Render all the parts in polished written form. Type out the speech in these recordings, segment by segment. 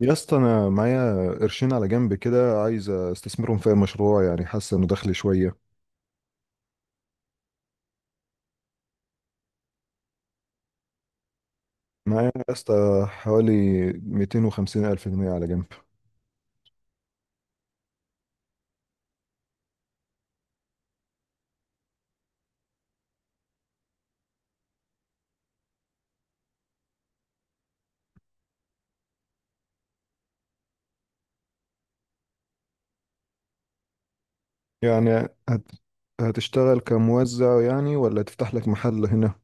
يا اسطى، انا معايا قرشين على جنب كده، عايز استثمرهم في مشروع، يعني حاسس انه دخلي شويه. معايا يا اسطى حوالي 250 الف جنيه على جنب. يعني هتشتغل كموزع، يعني ولا تفتح لك محل هنا؟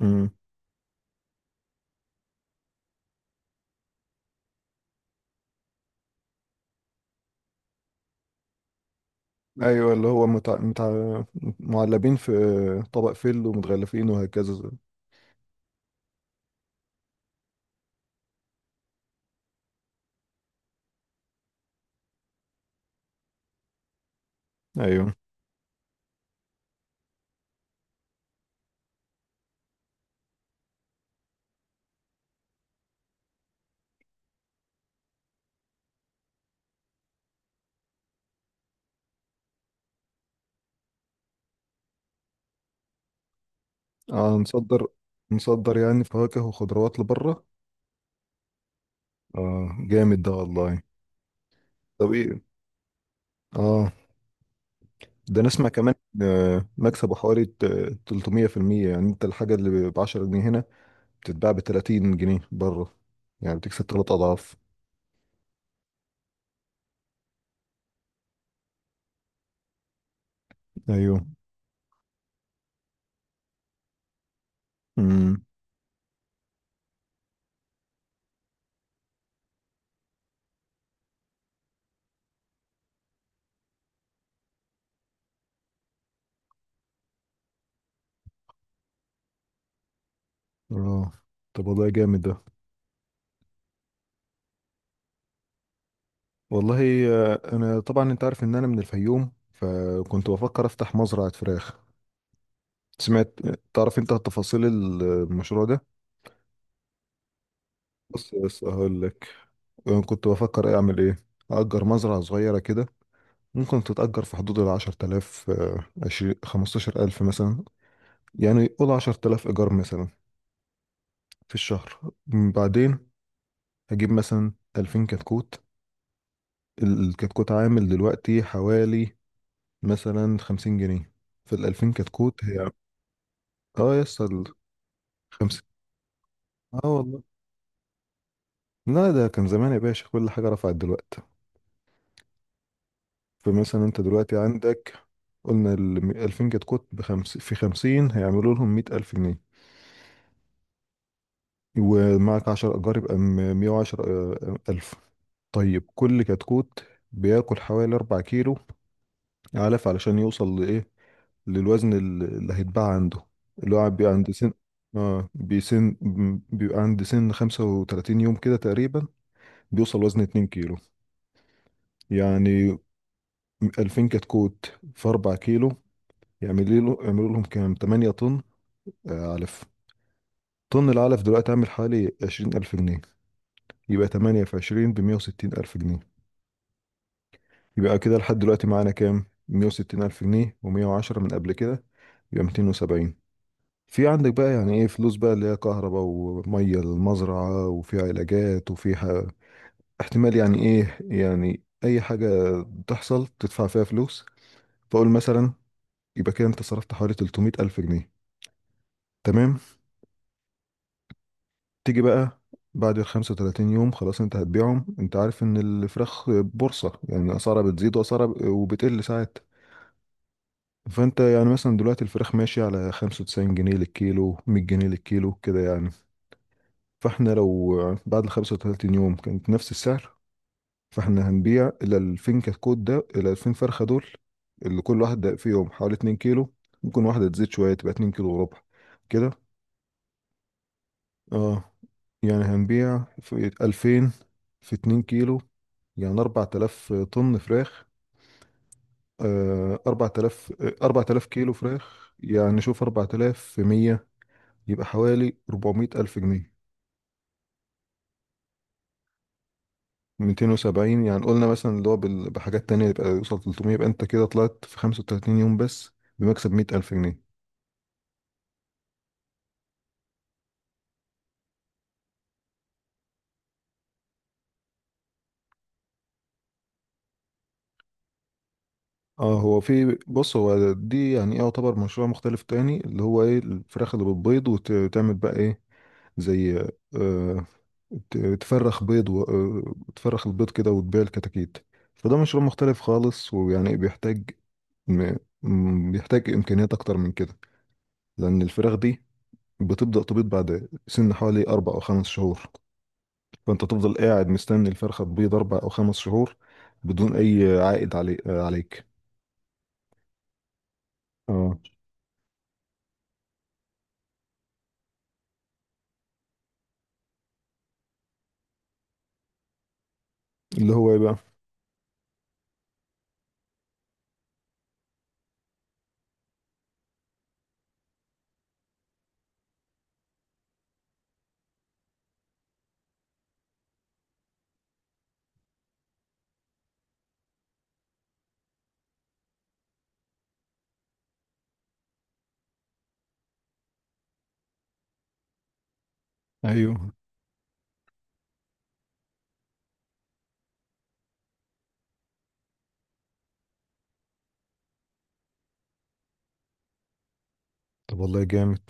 امم. ايوه، اللي هو معلبين في طبق فل ومتغلفين وهكذا. ايوه. آه، نصدر يعني فواكه وخضروات لبره. اه جامد ده والله. طب ايه؟ اه ده نسمع كمان. مكسبه حوالي 300% يعني انت الحاجة اللي ب 10 جنيه هنا بتتباع ب 30 جنيه بره، يعني بتكسب ثلاث اضعاف. ايوه. امم. اه. طب والله جامد ده. والله انا طبعا انت عارف ان انا من الفيوم، فكنت بفكر افتح مزرعة فراخ. سمعت؟ تعرف انت تفاصيل المشروع ده؟ بص، بس هقول لك أنا كنت بفكر اعمل ايه. اجر مزرعة صغيرة كده، ممكن تتأجر في حدود ال 10000، 20 15000 مثلا، يعني قول 10000 إيجار مثلا في الشهر، بعدين هجيب مثلا 2000 كتكوت. الكتكوت عامل دلوقتي حوالي مثلا 50 جنيه. فال 2000 كتكوت هي... اه، يصل. 50؟ اه والله. لا، ده كان زمان يا باشا، كل حاجة رفعت دلوقتي. فمثلا انت دلوقتي عندك، قلنا ال 2000 كتكوت بخمس في 50 هيعملوا لهم 100000 جنيه، ومعك عشر أشجار، يبقى مية وعشر ألف. طيب كل كتكوت بياكل حوالي أربع كيلو علف علشان يوصل لإيه، للوزن اللي هيتباع عنده، اللي هو بيبقى عند سن. اه، بيبقى عند سن 35 يوم كده تقريبا، بيوصل وزن اتنين كيلو. يعني 2000 كتكوت في أربع كيلو، يعملوا لهم كام؟ تمانية طن علف. طن العلف دلوقتي عامل حوالي 20000 جنيه، يبقى تمانية في عشرين بمية وستين ألف جنيه. يبقى كده لحد دلوقتي معانا كام، 160 ألف جنيه و110 من قبل كده، يبقى 270. في عندك بقى يعني ايه، فلوس بقى اللي هي كهرباء ومية للمزرعة، وفي علاجات، وفي احتمال يعني ايه، يعني اي حاجة تحصل تدفع فيها فلوس. فاقول مثلا يبقى كده انت صرفت حوالي 300 ألف جنيه، تمام. تيجي بقى بعد ال 35 يوم خلاص انت هتبيعهم. انت عارف ان الفراخ بورصة، يعني اسعارها بتزيد واسعارها وبتقل ساعات. فانت يعني مثلا دلوقتي الفراخ ماشية على 95 جنيه للكيلو، 100 جنيه للكيلو كده يعني. فاحنا لو بعد ال 35 يوم كانت نفس السعر، فاحنا هنبيع ال 2000 كتكوت ده، ال 2000 فرخة دول، اللي كل واحد ده في يوم حوالي 2 كيلو. ممكن واحدة تزيد شوية تبقى 2 كيلو وربع كده. اه، يعني هنبيع في 2000 في 2 كيلو، يعني 4000 طن فراخ، 4000 4000 كيلو فراخ، يعني شوف، 4100، يبقى حوالي 400 ألف جنيه. 270، يعني قلنا مثلا اللي هو بحاجات تانية يبقى يوصل 300، يبقى أنت كده طلعت في 35 يوم بس بمكسب 100 ألف جنيه. اه هو في، بص هو دي يعني ايه، يعتبر مشروع مختلف تاني، اللي هو ايه، الفراخ اللي بتبيض وتعمل بقى ايه، زي آه تفرخ بيض و... آه، تفرخ البيض كده وتبيع الكتاكيت. فده مشروع مختلف خالص، ويعني بيحتاج م... بيحتاج إمكانيات أكتر من كده، لأن الفراخ دي بتبدأ تبيض بعد سن حوالي أربع أو خمس شهور، فأنت تفضل قاعد مستني الفرخة تبيض أربع أو خمس شهور بدون أي عائد عليك. اه. اللي هو إيه بقى؟ أيوه، طب والله جامد.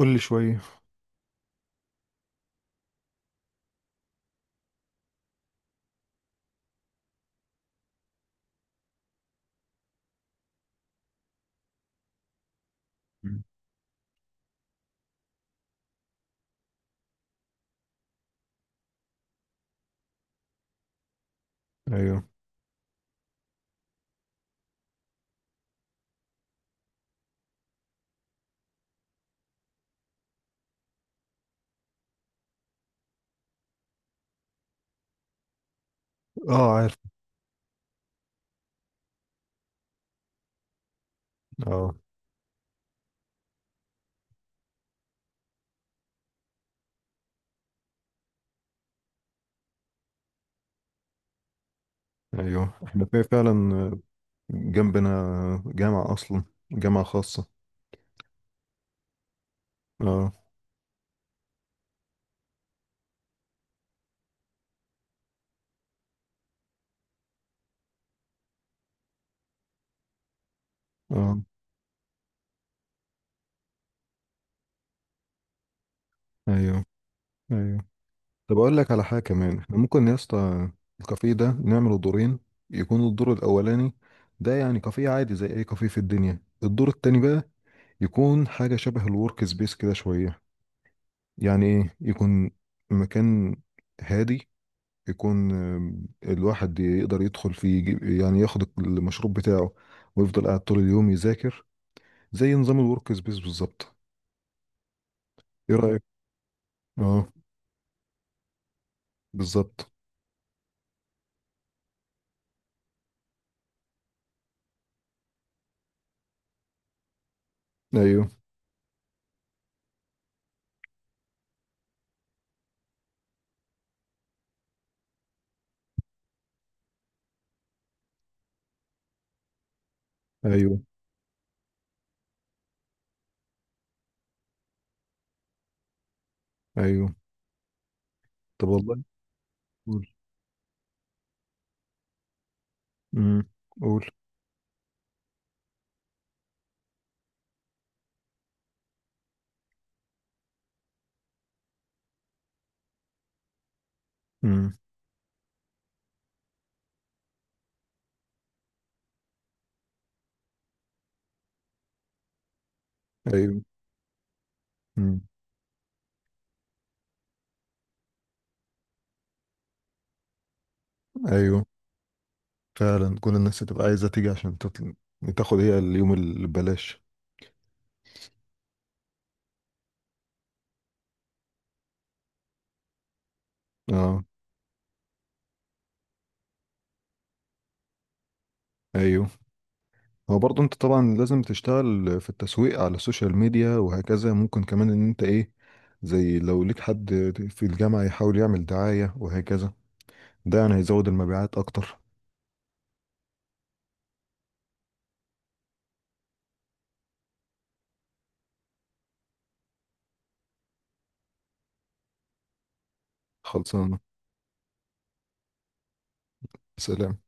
قول لي شوية. مم. أيوه. أه عارف. أه. أيوه، إحنا في فعلا جنبنا جامعة أصلا، جامعة خاصة. أه. أه. أيوه. أيوه، طب اقول لك على حاجه كمان، احنا ممكن يا اسطى الكافيه ده نعمله دورين، يكون الدور الاولاني ده يعني كافيه عادي زي اي كافيه في الدنيا، الدور التاني بقى يكون حاجه شبه الورك سبيس كده شويه، يعني ايه، يكون مكان هادي، يكون الواحد يقدر يدخل فيه، يعني ياخد المشروب بتاعه ويفضل قاعد طول اليوم يذاكر، زي نظام الورك سبيس بالظبط. ايه رايك؟ اه. بالظبط. ايوه. ايوه. ايوه. طب والله. قول. امم. قول. امم. ايوه. امم. ايوه، فعلا كل الناس هتبقى عايزه تيجي عشان تاخد هي اليوم اللي ببلاش. اه. ايوه. هو برضه انت طبعا لازم تشتغل في التسويق على السوشيال ميديا وهكذا، ممكن كمان ان انت ايه، زي لو ليك حد في الجامعه يحاول يعمل دعايه وهكذا، ده يعني هيزود المبيعات اكتر. خلصانه. سلام.